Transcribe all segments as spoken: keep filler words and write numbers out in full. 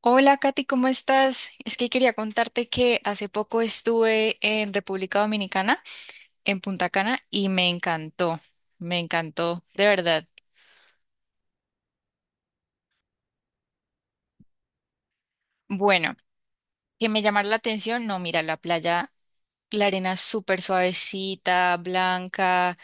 Hola Katy, ¿cómo estás? Es que quería contarte que hace poco estuve en República Dominicana, en Punta Cana, y me encantó, me encantó, de verdad. Bueno, que me llamara la atención, no, mira, la playa, la arena súper suavecita, blanca,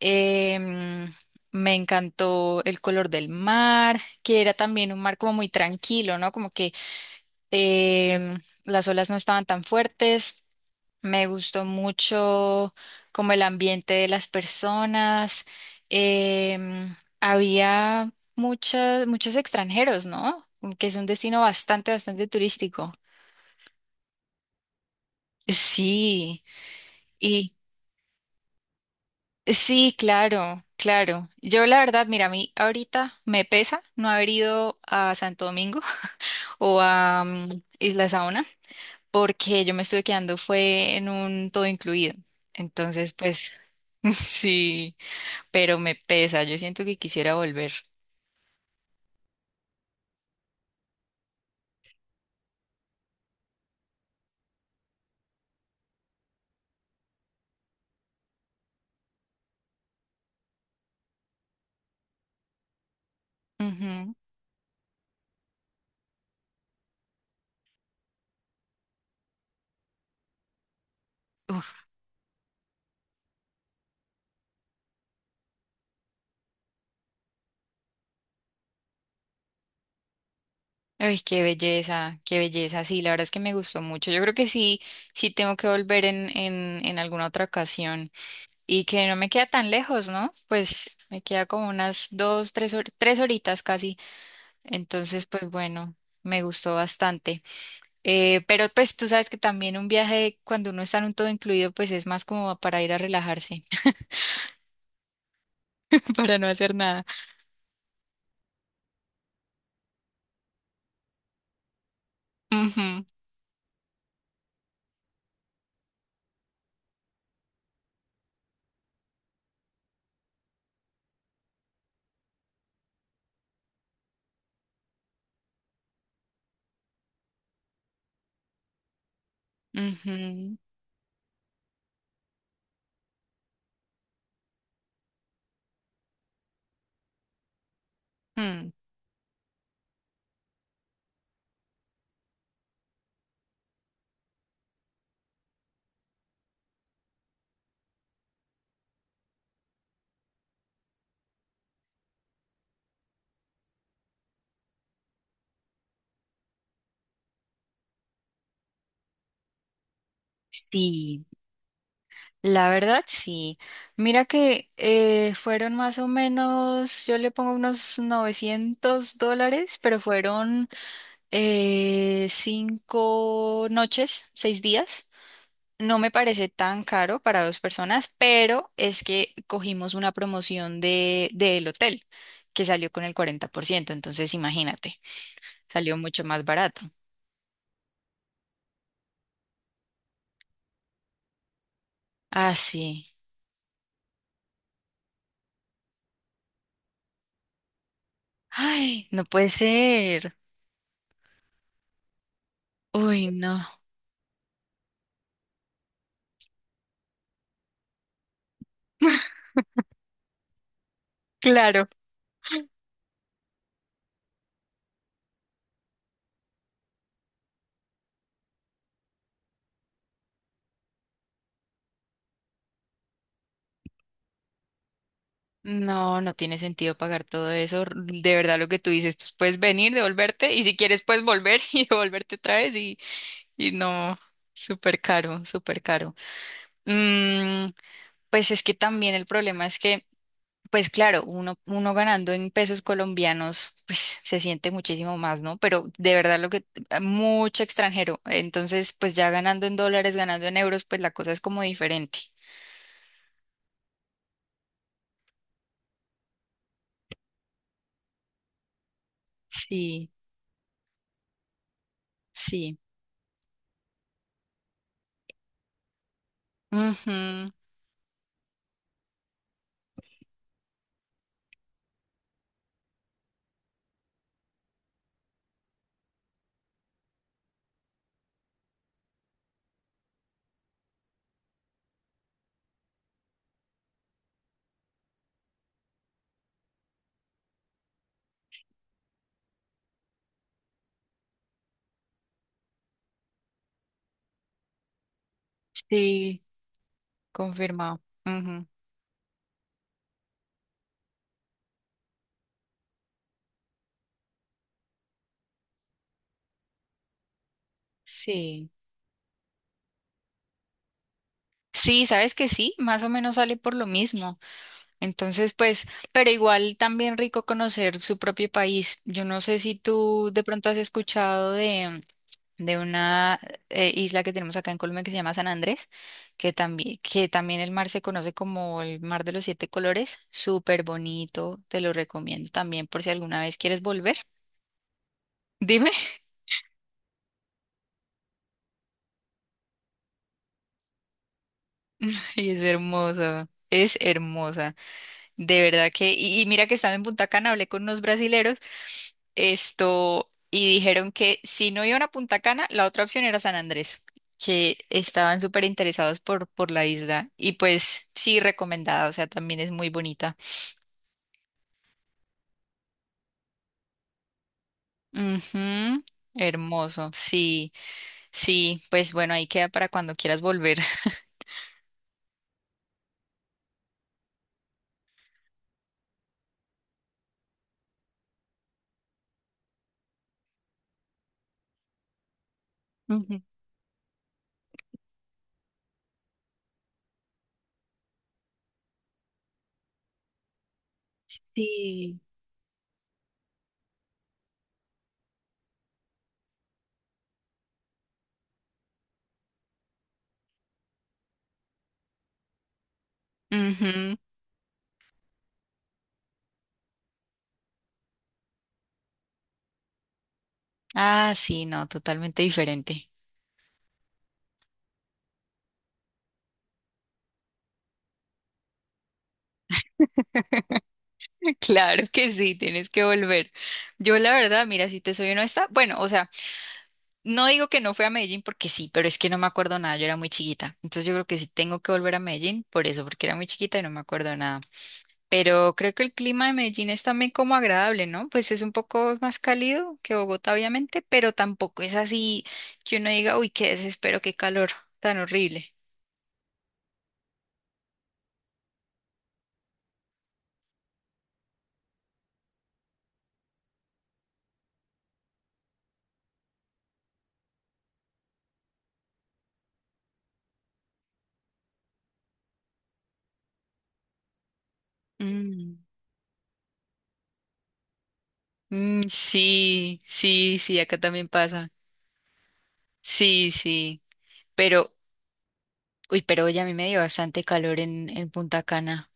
em, me encantó el color del mar, que era también un mar como muy tranquilo, ¿no? Como que em, las olas no estaban tan fuertes. Me gustó mucho como el ambiente de las personas. em, Había muchas, muchos extranjeros, ¿no? Que es un destino bastante, bastante turístico. Sí, y sí, claro, claro. Yo la verdad, mira, a mí ahorita me pesa no haber ido a Santo Domingo o a mm, Isla Saona, porque yo me estuve quedando fue en un todo incluido. Entonces, pues sí, pero me pesa, yo siento que quisiera volver. Ujú. Uf, ay, qué belleza, qué belleza. Sí, la verdad es que me gustó mucho. Yo creo que sí, sí tengo que volver en, en, en alguna otra ocasión, y que no me queda tan lejos, ¿no? Pues me queda como unas dos, tres, hor- tres horitas casi. Entonces, pues bueno, me gustó bastante. Eh, pero pues tú sabes que también un viaje cuando uno está en un todo incluido pues es más como para ir a relajarse, para no hacer nada. Ujú, ujú, mm. Sí, la verdad sí. Mira que eh, fueron más o menos, yo le pongo unos novecientos dólares, pero fueron eh, cinco noches, seis días. No me parece tan caro para dos personas, pero es que cogimos una promoción de, del hotel que salió con el cuarenta por ciento. Entonces imagínate, salió mucho más barato. Ah, sí. Ay, no puede ser. Uy, no. Claro. No, no tiene sentido pagar todo eso. r- De verdad, lo que tú dices, tú puedes venir, devolverte, y si quieres, puedes volver y devolverte otra vez. Y, y no, súper caro, súper caro. Mm, pues es que también el problema es que. Pues claro, uno, uno ganando en pesos colombianos, pues se siente muchísimo más, ¿no? Pero de verdad lo que, eh, mucho extranjero. Entonces, pues ya ganando en dólares, ganando en euros, pues la cosa es como diferente. Sí, sí. Ujú, sí, confirmado. Ujú, sí. Sí, sabes que sí, más o menos sale por lo mismo. Entonces, pues, pero igual también rico conocer su propio país. Yo no sé si tú de pronto has escuchado de de una eh, isla que tenemos acá en Colombia que se llama San Andrés, que también, que también el mar se conoce como el mar de los siete colores, súper bonito, te lo recomiendo también por si alguna vez quieres volver. Dime, y es hermoso, es hermosa. De verdad que, y, y mira que estando en Punta Cana, hablé con unos brasileros, esto, y dijeron que si no iban a Punta Cana, la otra opción era San Andrés, que estaban súper interesados por, por la isla. Y pues sí, recomendada, o sea, también es muy bonita. Ujú, hermoso, sí, sí, pues bueno, ahí queda para cuando quieras volver. Ujú. Sí. Ujú. Ah, sí, no, totalmente diferente. Claro que sí, tienes que volver. Yo la verdad, mira, si te soy honesta, bueno, o sea, no digo que no fue a Medellín porque sí, pero es que no me acuerdo nada, yo era muy chiquita. Entonces yo creo que sí tengo que volver a Medellín por eso, porque era muy chiquita y no me acuerdo nada. Pero creo que el clima de Medellín es también como agradable, ¿no? Pues es un poco más cálido que Bogotá, obviamente, pero tampoco es así que uno diga, uy, qué desespero, qué calor tan horrible. Mm. Mm, sí, sí, sí, acá también pasa. Sí, sí. Pero, Uy, pero hoy a mí me dio bastante calor en, en Punta Cana.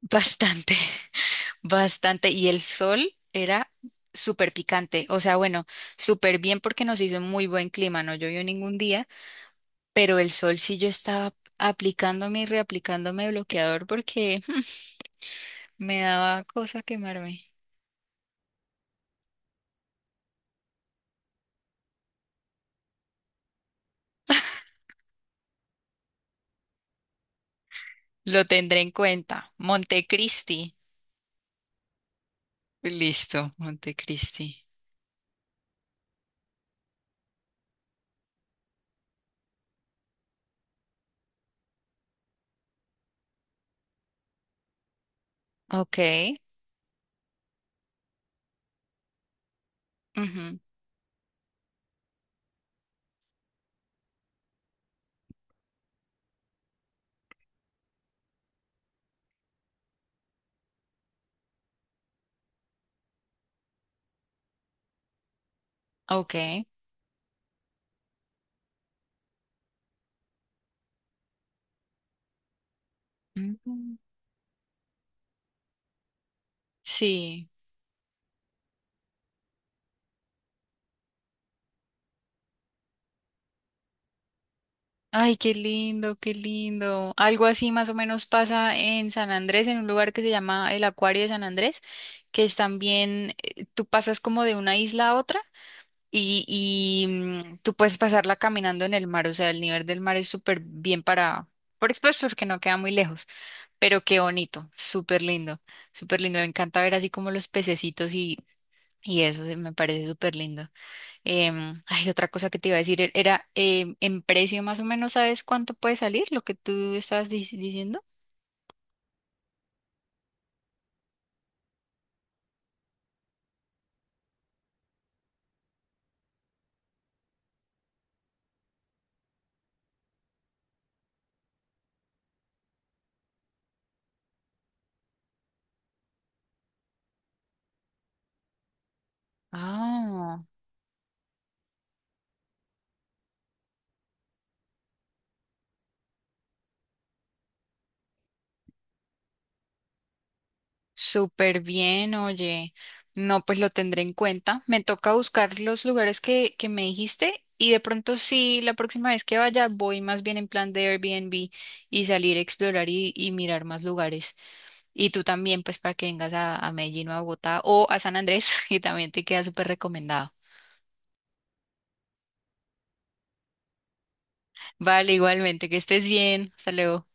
Bastante, bastante. Y el sol era súper picante. O sea, bueno, súper bien porque nos hizo muy buen clima. No llovió ningún día, pero el sol sí yo estaba aplicándome y reaplicándome bloqueador porque me daba cosa quemarme. Lo tendré en cuenta. Montecristi. Listo, Montecristi. Ok. Ujú, ok. Ujú. Sí. Ay, qué lindo, qué lindo. Algo así más o menos pasa en San Andrés, en un lugar que se llama el Acuario de San Andrés, que es también, eh, tú pasas como de una isla a otra y, y mm, tú puedes pasarla caminando en el mar, o sea, el nivel del mar es súper bien para, por pues porque no queda muy lejos, pero qué bonito, súper lindo, súper lindo. Me encanta ver así como los pececitos y, y eso, se me parece súper lindo. Em, ay, otra cosa que te iba a decir e- era, em, en precio más o menos, ¿sabes cuánto puede salir lo que tú estabas dic- diciendo? Ah, súper bien, oye. No, pues lo tendré en cuenta. Me toca buscar los lugares que, que me dijiste y de pronto sí, la próxima vez que vaya voy más bien en plan de Airbnb y salir a explorar y, y mirar más lugares. Y tú también, pues para que vengas a, a Medellín o a Bogotá o a San Andrés, y también te queda súper recomendado. Vale, igualmente, que estés bien. Hasta luego.